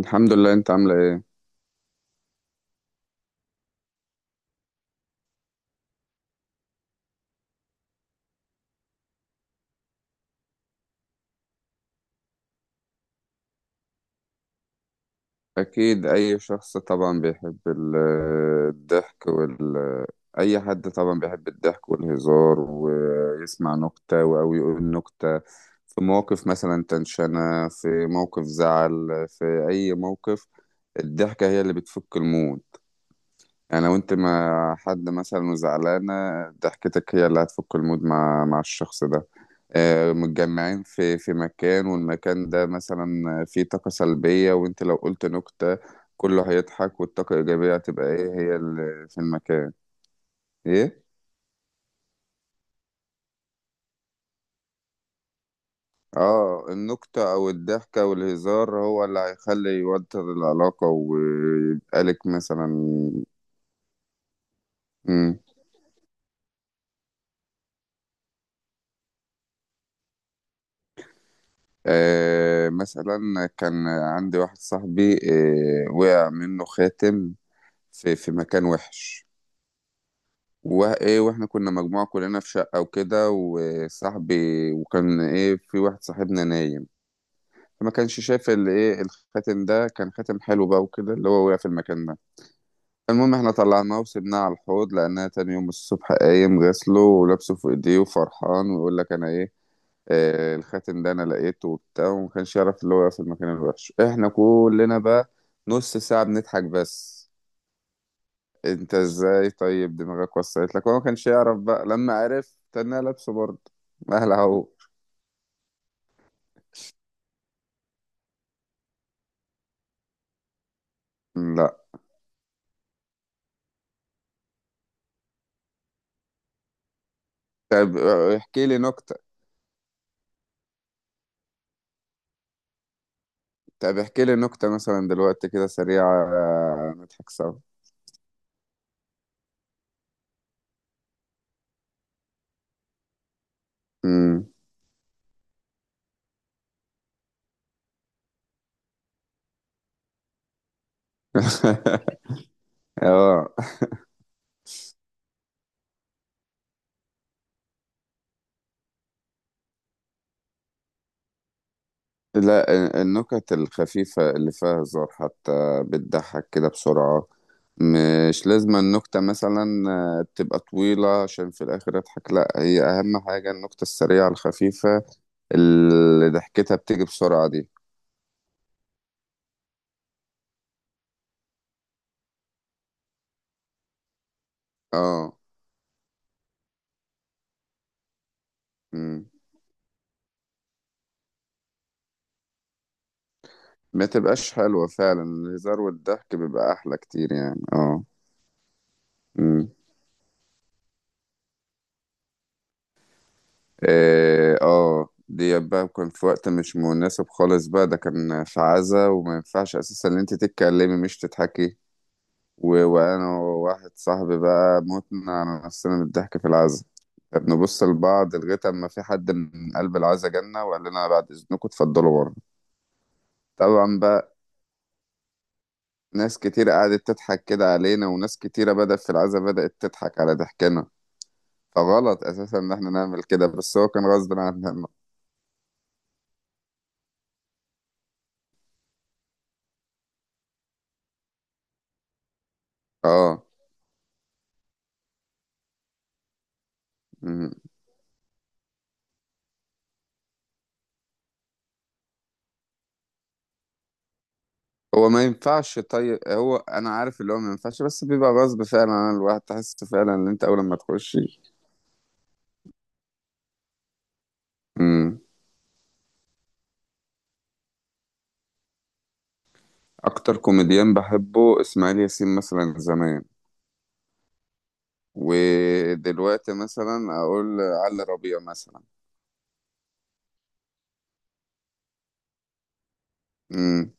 الحمد لله. انت عامله ايه؟ اكيد اي شخص طبعا بيحب ال- الضحك وال اي حد طبعا بيحب الضحك والهزار ويسمع نكته او يقول نكته. في مواقف مثلا تنشنه، في موقف زعل، في اي موقف، الضحكه هي اللي بتفك المود. يعني لو انت مع حد مثلا وزعلانه، ضحكتك هي اللي هتفك المود مع الشخص ده. متجمعين في مكان، والمكان ده مثلا فيه طاقة سلبية، وانت لو قلت نكتة كله هيضحك، والطاقة الإيجابية هتبقى ايه هي اللي في المكان. ايه. اه النكتة او الضحكة والهزار هو اللي هيخلي يوتر العلاقة ويبقالك مثلا. مم. مثلا كان عندي واحد صاحبي. وقع منه خاتم في مكان وحش. وايه، واحنا كنا مجموعة كلنا في شقة وكده، وصاحبي وكان ايه في واحد صاحبنا نايم، فما كانش شايف اللي ايه، الخاتم ده كان خاتم حلو بقى وكده، اللي هو وقع في المكان ده. المهم احنا طلعناه وسبناه على الحوض، لأنها تاني يوم الصبح قايم غسله ولابسه في ايديه وفرحان ويقول لك انا ايه، الخاتم ده انا لقيته وبتاع، وما كانش يعرف اللي هو وقع في المكان الوحش. احنا كلنا بقى نص ساعة بنضحك بس. انت ازاي؟ طيب دماغك وصلت لك؟ هو ما كانش يعرف بقى، لما عرف تنى لابسه برضه. مهلا اهو. لا. طب احكي لي نكتة. طب احكي لي نكتة مثلا دلوقتي كده سريعة، نضحك سوا. امم. اه، لا النكت الخفيفة اللي فيها هزار حتى بتضحك كده بسرعة. مش لازم النكتة مثلا اه، تبقى طويلة عشان في الآخر أضحك، لا، هي أهم حاجة النكتة السريعة الخفيفة اللي ضحكتها بتيجي بسرعة دي. اه. امم. ما تبقاش حلوة فعلا، الهزار والضحك بيبقى أحلى كتير يعني اه. امم. إيه، اه، دي بقى كان في وقت مش مناسب خالص بقى، ده كان في عزا، وما ينفعش أساسا إن أنت تتكلمي مش تضحكي. وأنا وواحد صاحبي بقى متنا على نفسنا من الضحك في العزا، بنبص لبعض لغاية أما في حد من قلب العزا جالنا وقال لنا بعد إذنكم اتفضلوا بره. طبعا بقى، ناس كتير قعدت تضحك كده علينا، وناس كتيرة بدأت في العزا بدأت تضحك على ضحكنا، فغلط أساسا إن إحنا نعمل كده، بس هو كان غصب عننا. آه. مم. هو ما ينفعش، طيب هو أنا عارف اللي هو ما ينفعش، بس بيبقى غصب فعلا عن الواحد، تحس فعلا إن أنت أول ما تخش. مم. أكتر كوميديان بحبه إسماعيل ياسين مثلا زمان، ودلوقتي مثلا أقول علي ربيع مثلا. مم.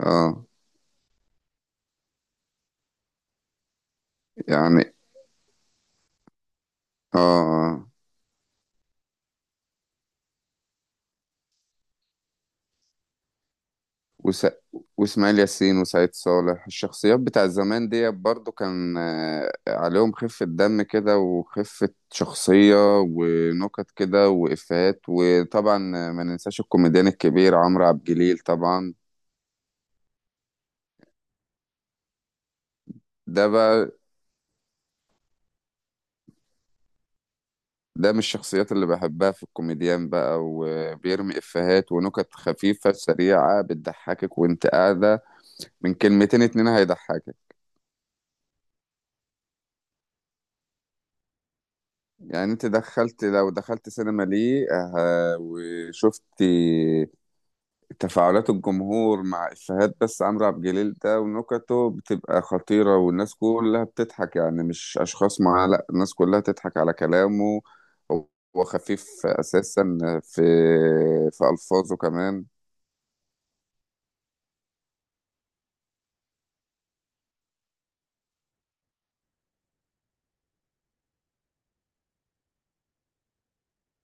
آه. يعني. آه آه. وس... واسماعيل ياسين وسعيد صالح، الشخصيات بتاع زمان دي برضو كان عليهم خفة دم كده وخفة شخصية ونكت كده وإفيهات، وطبعا ما ننساش الكوميديان الكبير عمرو عبد الجليل طبعا. ده بقى ده من الشخصيات اللي بحبها في الكوميديان بقى، وبيرمي إفيهات ونكت خفيفة سريعة بتضحكك وانت قاعدة، من كلمتين اتنين هيضحكك. يعني انت دخلت، لو دخلت سينما ليه وشفت تفاعلات الجمهور مع إفيهات، بس عمرو عبد الجليل ده ونكته بتبقى خطيرة والناس كلها بتضحك يعني، مش أشخاص معاه، لأ الناس كلها تضحك على كلامه. هو خفيف أساسا في في ألفاظه كمان.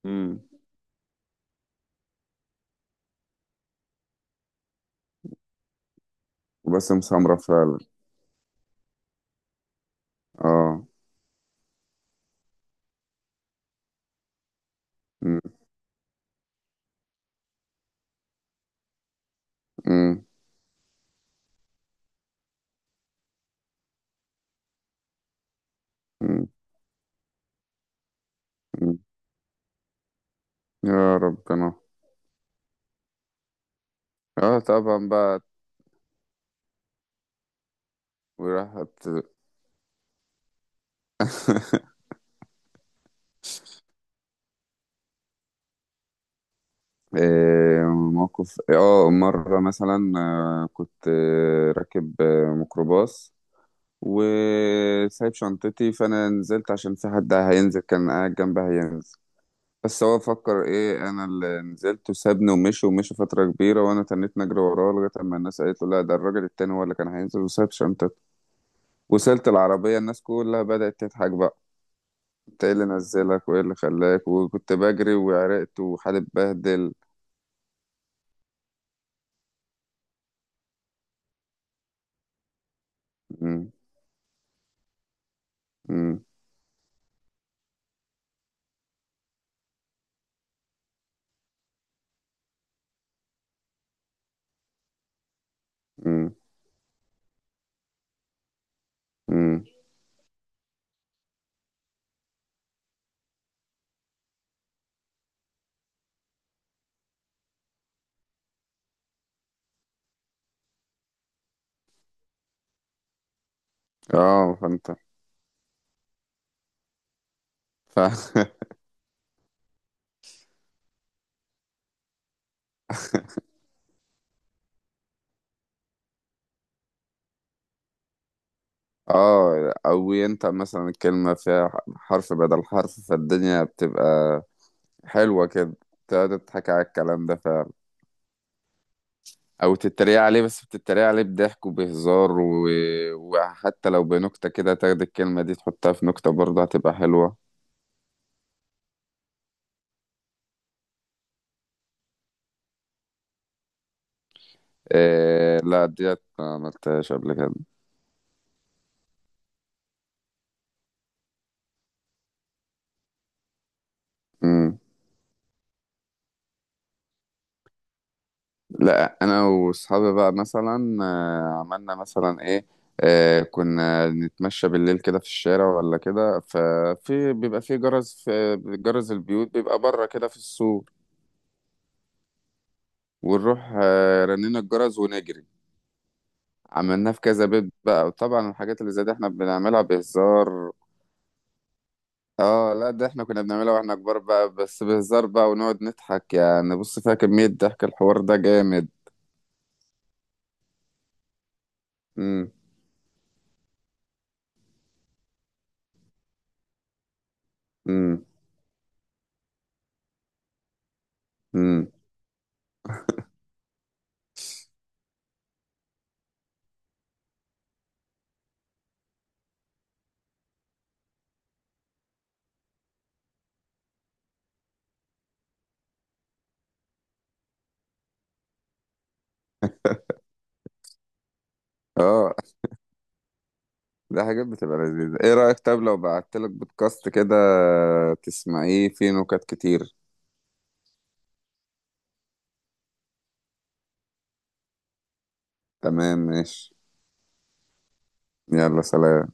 امم. وباسم سمرة فعلا. اه. م- م- م- م. يا ربنا. اه طبعا بقى. وراحت. آه موقف، مرة مثلا كنت راكب ميكروباص وسايب شنطتي، فانا نزلت عشان في حد هينزل كان قاعد جنبها هينزل، بس هو فكر ايه انا اللي نزلت وسابني ومشي، ومشي فترة كبيرة، وانا تنيت نجري وراه لغاية اما الناس قالت له لا ده الراجل التاني هو اللي كان هينزل وساب شنطته. وصلت العربية الناس كلها بدأت تضحك بقى: انت ايه اللي نزلك وايه اللي خلاك؟ وكنت بجري وعرقت وحالي اتبهدل. م- م- م- م. اه. فانت ف... اه، او ينطق مثلا الكلمة فيها حرف بدل حرف، فالدنيا بتبقى حلوة كده، تقعد تضحك على الكلام ده فعلا. او تتريق عليه، بس بتتريق عليه بضحك وبهزار وحتى لو بنكتة كده تاخد الكلمة دي تحطها في نكتة برضه هتبقى حلوة. إيه، لا، ديت ما عملتهاش قبل كده. لا انا واصحابي بقى مثلا عملنا مثلا ايه، كنا نتمشى بالليل كده في الشارع ولا كده، ففي بيبقى في جرس، في جرس البيوت بيبقى بره كده في السور، ونروح رنينا الجرس ونجري. عملناه في كذا بيت بقى، وطبعا الحاجات اللي زي دي احنا بنعملها بهزار. اه، لا ده احنا كنا بنعملها واحنا كبار بقى بس بهزار بقى، ونقعد نضحك يعني، بص فيها كمية ضحك الحوار ده جامد. امم. امم. امم. اه. ده حاجات بتبقى لذيذة. ايه رأيك طب لو بعتلك بودكاست كده تسمعيه فيه نكت كتير؟ تمام ماشي. يلا سلام.